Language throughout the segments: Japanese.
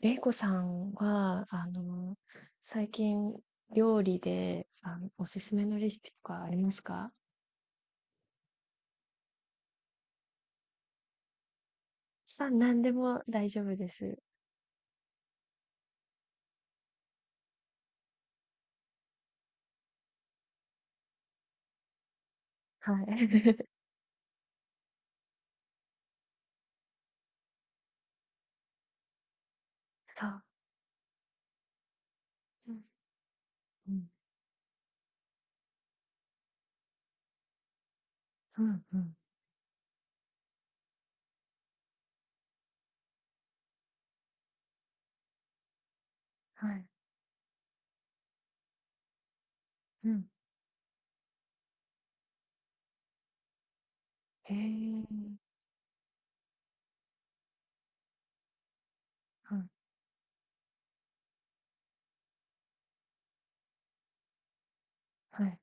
れいこさんは、最近料理で、おすすめのレシピとかありますか？さあ、何でも大丈夫です。はい。そう。うんうん。うんうん。はい。うん。へえ。はい。はい。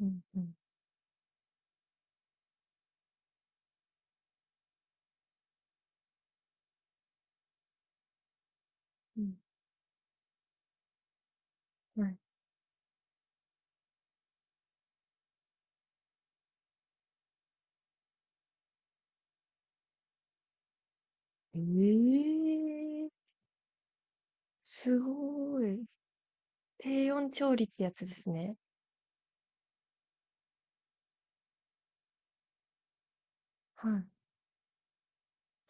うんうん。うん。はい。ええ。すごい。低温調理ってやつですね。はい。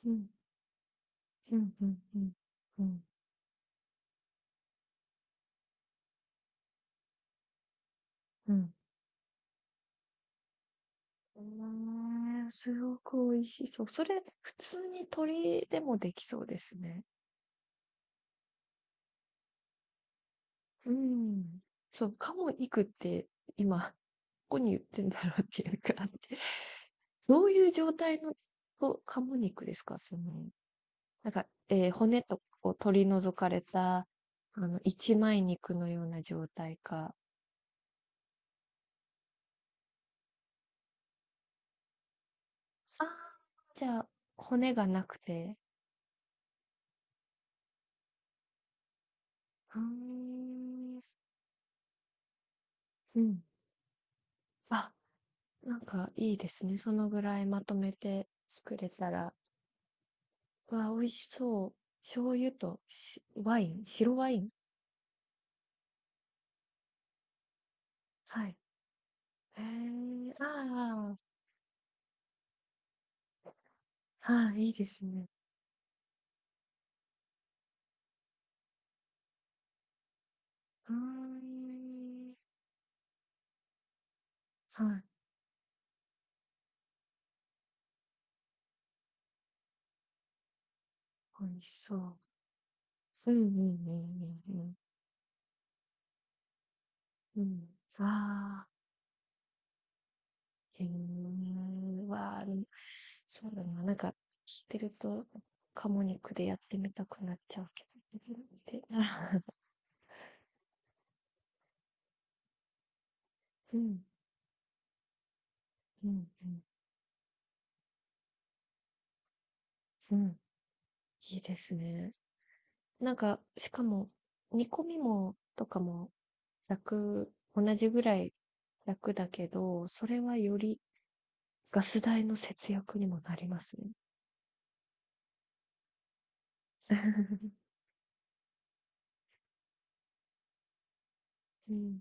うん。うんうんうん。うんうん。うーん、すごく美味しそう。それ、普通に鶏でもできそうですね。うん。そう、鴨肉って今、どこに売ってんだろうっていうか、あって。どういう状態のと鴨肉ですかその、なんか、骨とかを取り除かれた、あの、一枚肉のような状態か。ああ、じゃあ、骨がなくて。うーん。うん。あ、なんかいいですね。そのぐらいまとめて作れたら。わあ、美味しそう。醤油としワイン、白ワイン。はい。へえ、ああ、はい、いいですね。うーん。はい、美味しそう。うんうんうん。うんうん。うん。わあ、へえ、わあ、でもそうだな。なんか聞いてると、鴨肉でやってみたくなっちゃうけど。で、な。 うん、うん、うん。うん。いいですね。なんか、しかも、煮込みも、とかも、楽、同じぐらい楽だけど、それはよりガス代の節約にもなりますね。うん、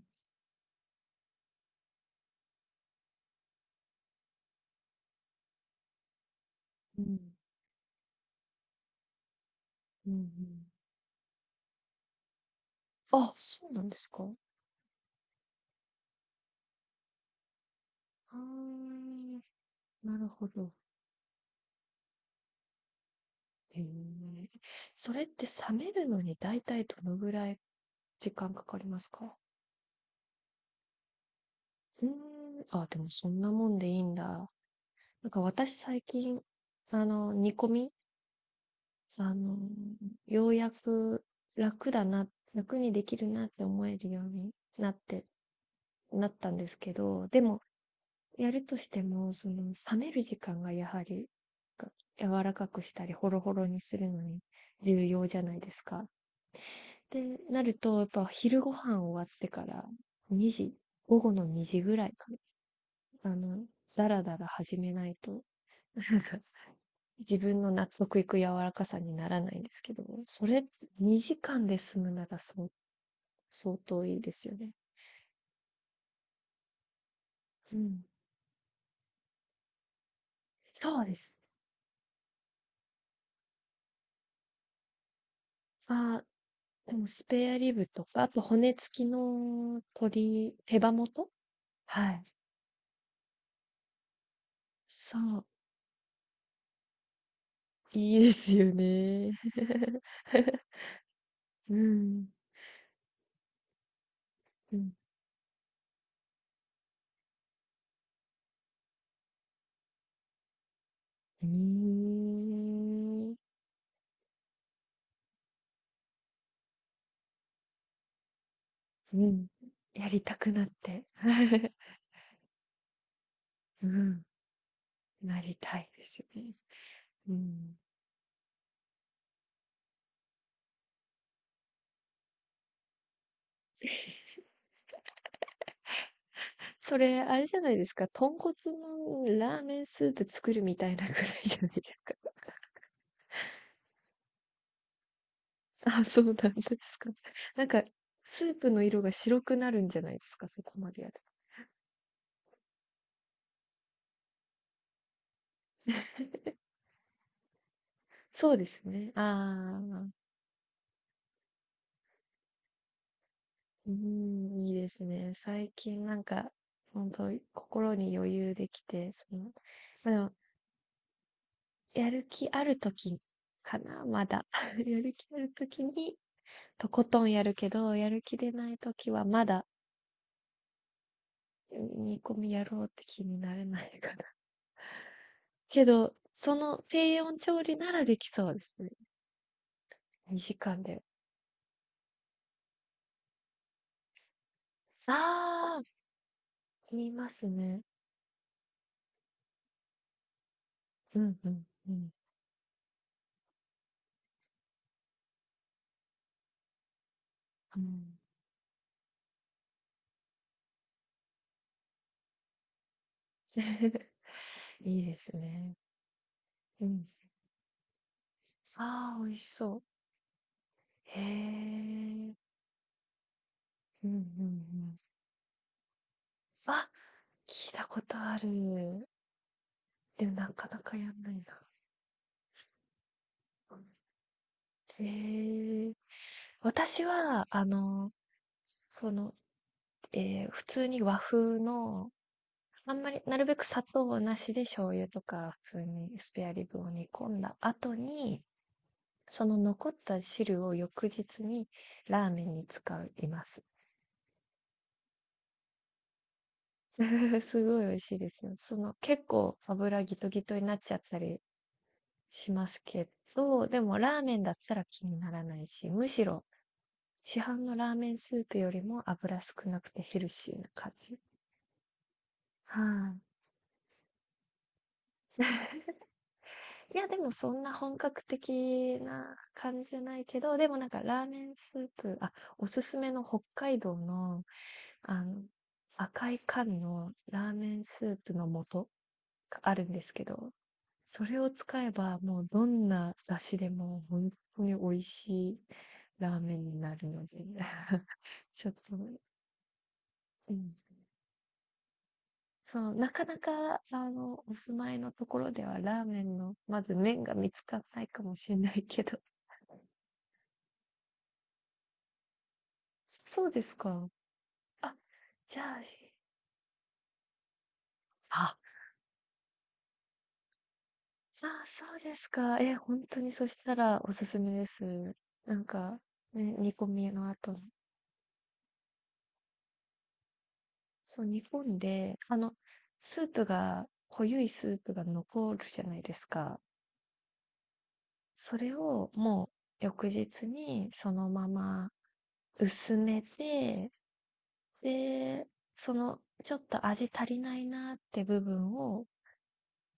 うん、うん、うん。あ、そうなんですか。あー、なるほど。へえ。それって冷めるのに大体どのぐらい時間かかりますか？うーん。あ、でもそんなもんでいいんだ。なんか私最近、煮込み、あの、ようやく楽だな、楽にできるなって思えるようになって、なったんですけど、でも、やるとしても、その、冷める時間がやはり、が柔らかくしたり、ホロホロにするのに重要じゃないですか。で、なると、やっぱ昼ご飯終わってから2時、午後の2時ぐらいかな、だらだら始めないと、なんか、自分の納得いく柔らかさにならないんですけど、それ2時間で済むならそう、相当いいですよね。うん。そうです。あ、でもスペアリブとか、あと骨付きの鶏、手羽元。はい。そう。いいですよね。うん。うん。うーん。うん。やりたくなって。うん。なりたいですよね。うん。それ、あれじゃないですか、豚骨のラーメンスープ作るみたいなぐらいじゃないですか。あ、そうなんですか。なんか、スープの色が白くなるんじゃないですか、そこまでやる。そうですね。ああ、うん、いいですね。最近なんか、本当心に余裕できて、その、まあ、でも、やる気ある時かな、まだ。やる気ある時に、とことんやるけど、やる気でない時はまだ煮込みやろうって気になれないかな。けど、その低温調理ならできそうですね。2時間で。ああ、言いますね。うんうんうん。うん。いいですね。うん。ああ、美味しそう。へえ。うんうんうん。あ、聞いたことある。でもなかなかやんないな。へえ。私は、その、ええ、普通に和風のあんまり、なるべく砂糖なしで醤油とか普通にスペアリブを煮込んだ後に、その残った汁を翌日にラーメンに使います。すごい美味しいですよ。その結構油ギトギトになっちゃったりしますけど、でもラーメンだったら気にならないし、むしろ市販のラーメンスープよりも油少なくてヘルシーな感じ。はい、いや、でもそんな本格的な感じじゃないけど、でもなんかラーメンスープ、あ、おすすめの北海道の、あの、赤い缶のラーメンスープの素があるんですけど、それを使えばもうどんな出汁でも本当に美味しいラーメンになるので、ちょっと、うん。そう、なかなか、あの、お住まいのところではラーメンの、まず麺が見つからないかもしれないけど、そうですか。あ、じゃああ。あそうですか。え、ほんとにそしたらおすすめです。なんか、ね、煮込みの後に。そう、煮込んで、あの、スープが、濃ゆいスープが残るじゃないですか。それをもう翌日にそのまま薄めて、で、そのちょっと味足りないなって部分を、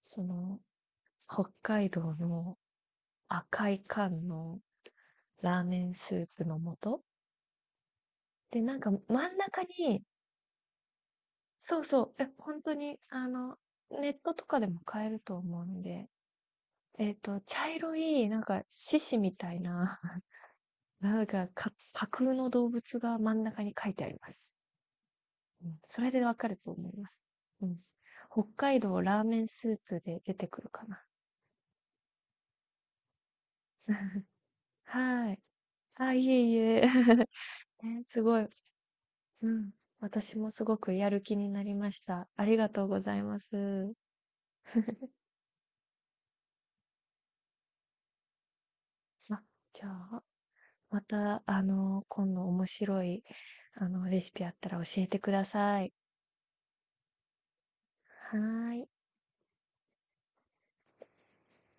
その北海道の赤い缶のラーメンスープの素。で、なんか真ん中に、そうそう、え、本当に、あの、ネットとかでも買えると思うんで、えっと、茶色い、なんか、獅子みたいな、なんかか、架空の動物が真ん中に書いてあります。うん、それでわかると思います。うん。北海道ラーメンスープで出てくるかな。はい。あ、いえいえ。ね、すごい。うん、私もすごくやる気になりました。ありがとうございます。あ、じゃあ、また、今度面白い、レシピあったら教えてください。はーい。